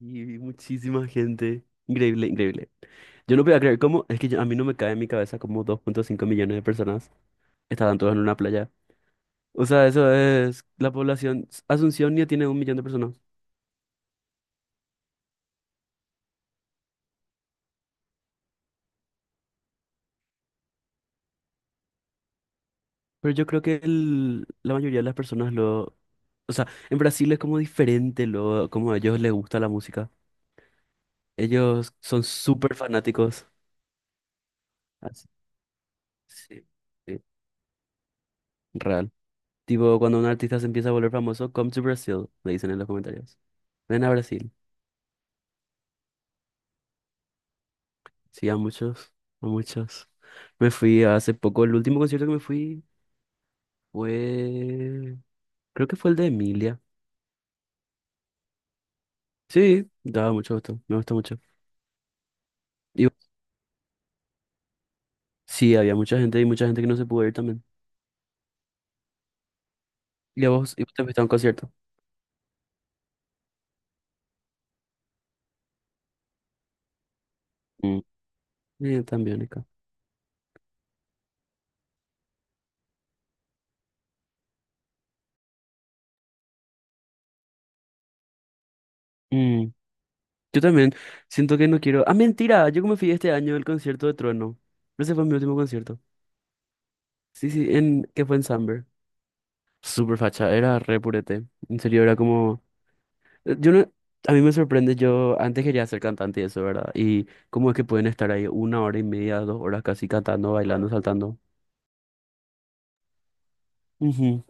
Y muchísima gente. Increíble, increíble. Yo no podía creer cómo, es que a mí no me cae en mi cabeza cómo 2,5 millones de personas estaban todas en una playa. O sea, eso es la población. Asunción ya tiene 1 millón de personas. Pero yo creo que la mayoría de las personas O sea, en Brasil es como diferente lo, como a ellos les gusta la música. Ellos son súper fanáticos. Así- Sí, sí, real. Tipo, cuando un artista se empieza a volver famoso, come to Brazil, le dicen en los comentarios. Ven a Brasil. Sí, a muchos, a muchos. Me fui hace poco, el último concierto que me fui fue, creo que fue el de Emilia. Sí, daba mucho gusto, me gustó mucho. Y vos- sí, había mucha gente y mucha gente que no se pudo ir también. ¿Y a vos? ¿Y vos te fuiste a un concierto? Mm. También acá. Mm, yo también siento que no Ah, mentira, yo como fui este año al concierto de Trueno. Ese fue mi último concierto. Sí, sí, que fue en Samber. Súper facha, era re purete. En serio, era como... Yo no- A mí me sorprende, yo antes quería ser cantante y eso, ¿verdad? Y cómo es que pueden estar ahí 1 hora y media, 2 horas casi cantando, bailando, saltando. Ujú.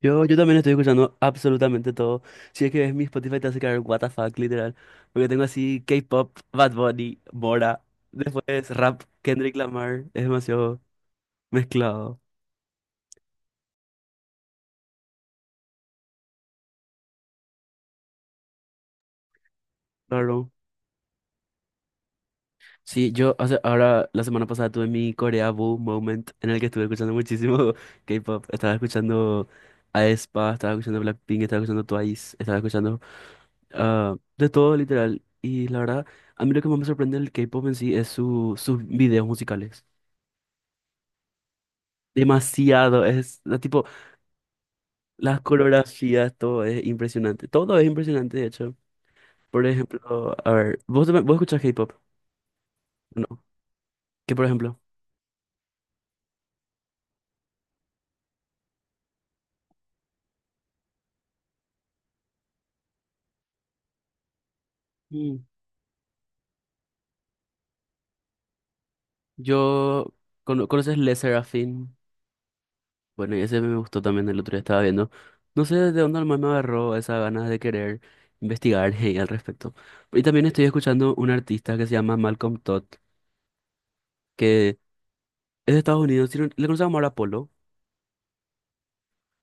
Yo también estoy escuchando absolutamente todo. Si es que ves mi Spotify te hace caer what the fuck, literal. Porque tengo así K-pop, Bad Bunny, Mora, después rap, Kendrick Lamar, es demasiado mezclado, claro. Sí, yo, o sea, ahora la semana pasada tuve mi Corea Boo moment en el que estuve escuchando muchísimo K-pop. Estaba escuchando aespa, estaba escuchando Blackpink, estaba escuchando Twice, estaba escuchando de todo literal. Y la verdad, a mí lo que más me sorprende del K-pop en sí es sus videos musicales. Demasiado, es tipo las coreografías, todo es impresionante. Todo es impresionante, de hecho. Por ejemplo, a ver, ¿vos, vos escuchás K-pop? No. ¿Qué por ejemplo, mm, yo, conoces Le Serafin? Bueno, y ese me gustó también el otro día estaba viendo. No sé de dónde alma me agarró esas ganas de querer investigar y al respecto. Y también estoy escuchando un artista que se llama Malcolm Todd, que es de Estados Unidos, tiene le conocemos ahora Apollo.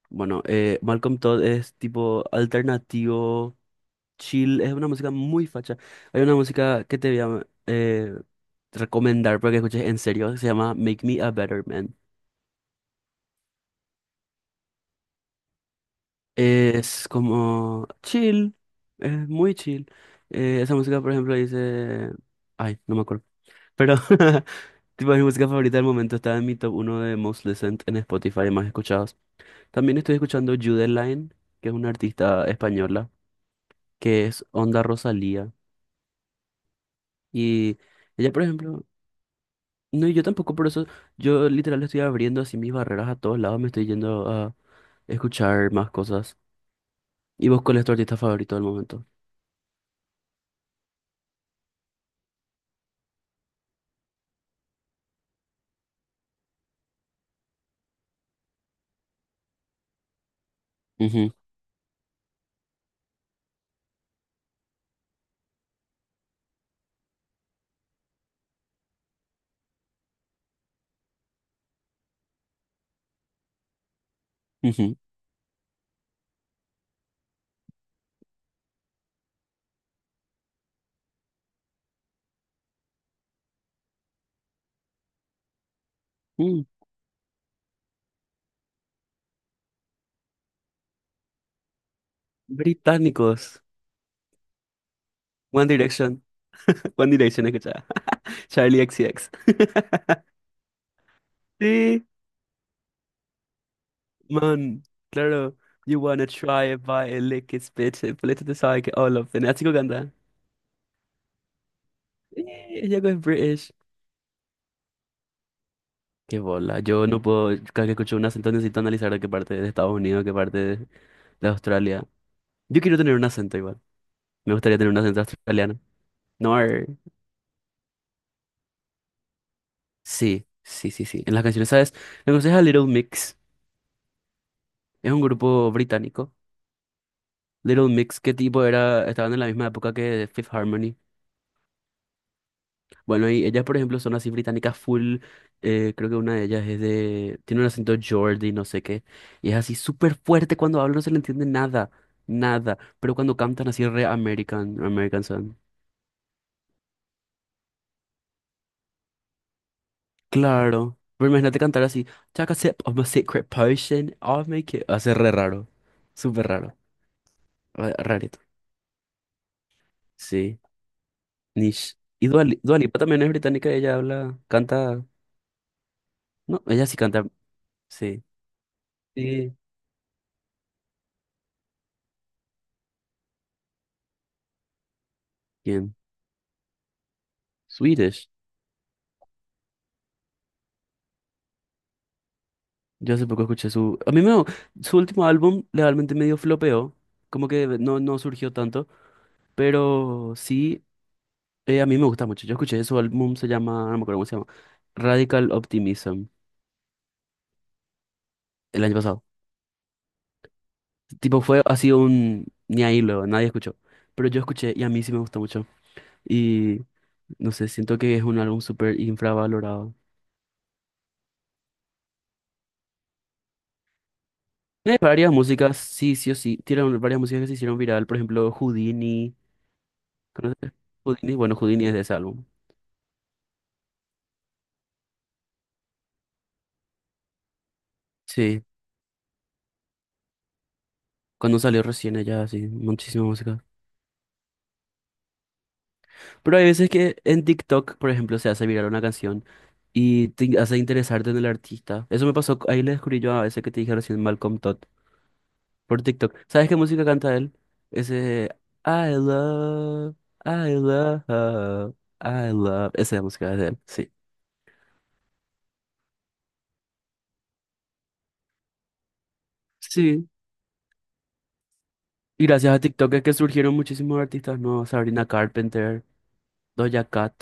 Bueno, Malcolm Todd es tipo alternativo, chill, es una música muy facha. Hay una música que te voy a recomendar para que escuches en serio, que se llama Make Me a Better Man. Es como chill, es muy chill. Esa música, por ejemplo, dice. Ay, no me acuerdo. Pero, tipo, mi música favorita del momento está en mi top uno de Most Listened en Spotify, más escuchados. También estoy escuchando Line, que es una artista española, que es Onda Rosalía. Y ella, por ejemplo. No, y yo tampoco, por eso yo literal estoy abriendo así mis barreras a todos lados, me estoy yendo a escuchar más cosas. ¿Y vos cuál es tu artista favorito del momento? Ujú, ujú. Británicos. One Direction. One Direction, escucha. Charlie X C X. Sí, man. Claro. You wanna try it by a lick it, bitch. Política te sabe que all of them. Así que canta. Sí, ella es British. Qué bola. Yo no puedo. Cada que escucho un acento necesito analizar de qué parte de Estados Unidos, qué parte es de Australia. Yo quiero tener un acento igual. Me gustaría tener un acento australiano. No. Sí, sí, sí, sí. En las canciones, ¿sabes? Me aconseja Little Mix. Es un grupo británico Little Mix, ¿qué tipo era? Estaban en la misma época que Fifth Harmony. Bueno, y ellas, por ejemplo, son así británicas full. Eh, creo que una de ellas es de. Tiene un acento Geordie, no sé qué. Y es así súper fuerte cuando habla, no se le entiende nada. Nada. Pero cuando cantan así re American, American son. Claro. Pero imagínate cantar así. Take a sip of my secret potion, I'll make it. Hace re raro. Súper raro. Rarito. Sí. Niche. Y Dua Lipa también es británica, ella habla, canta. No, ella sí canta. Sí. Sí. ¿Quién? Swedish. Yo hace poco escuché su... A mí me... Su último álbum realmente medio flopeó. Como que no surgió tanto. Pero sí, a mí me gusta mucho. Yo escuché su álbum, se llama. No me acuerdo cómo se llama. Radical Optimism. El año pasado. Tipo, fue ni ahí luego, nadie escuchó. Pero yo escuché y a mí sí me gusta mucho. Y no sé, siento que es un álbum súper infravalorado. Tiene varias músicas, sí, sí o sí. Tiene varias músicas que se hicieron viral. Por ejemplo, Houdini. ¿Conoces Houdini? Bueno, Houdini es de ese álbum. Sí, cuando salió recién allá, sí, muchísima música. Pero hay veces que en TikTok, por ejemplo, se hace viral una canción y te hace interesarte en el artista. Eso me pasó, ahí le descubrí yo a veces que te dije recién Malcolm Todd por TikTok. ¿Sabes qué música canta él? Ese I love, I love, I love. Esa es la música de él, sí. Sí, y gracias a TikTok es que surgieron muchísimos artistas nuevos, Sabrina Carpenter, Doja Cat.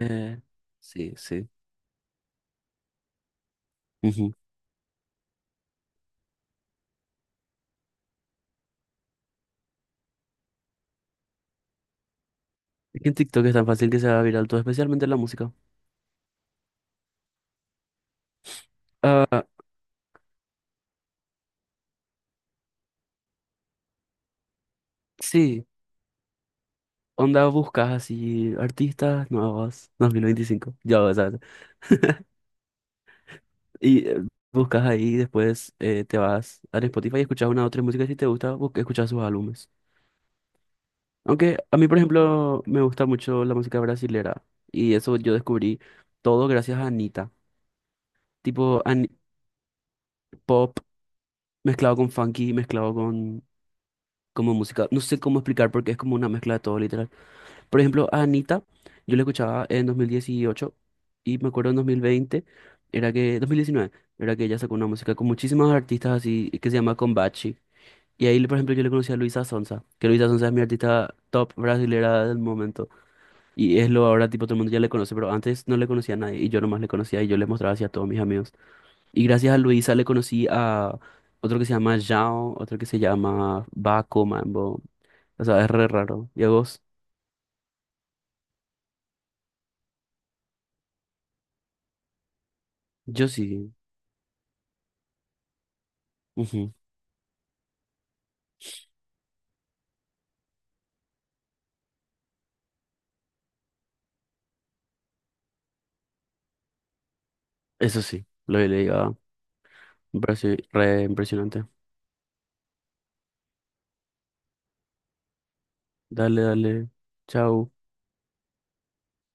Eh, sí, sí. Ujú. Es que en TikTok es tan fácil que se haga viral todo, especialmente la música. Ah, sí, onda buscas así artistas nuevos 2025, ya vas a ver. Y buscas ahí, después te vas al Spotify y escuchas una o tres músicas si te gusta, escuchas sus álbumes. Aunque a mí, por ejemplo, me gusta mucho la música brasilera y eso yo descubrí todo gracias a Anita. Tipo pop mezclado con funky, mezclado con como música, no sé cómo explicar porque es como una mezcla de todo. Por ejemplo, a Anita, yo la escuchaba en 2018 y me acuerdo en dos mil 2019 era que ella sacó una música con muchísimos artistas así que se llama Combachi. Y ahí, por ejemplo, yo le conocí a Luisa Sonza, que Luisa Sonza es mi artista top brasilera del momento. Y es lo ahora, tipo, todo el mundo ya le conoce, pero antes no le conocía a nadie y yo nomás le conocía y yo le mostraba así a todos mis amigos. Y gracias a Luisa le conocí a otro que se llama Jao, otro que se llama Baco Mambo. O sea, es re raro. ¿Y a vos? Yo sí. Eso sí, lo he leído. Me parece re impresionante. Dale, dale. Chao.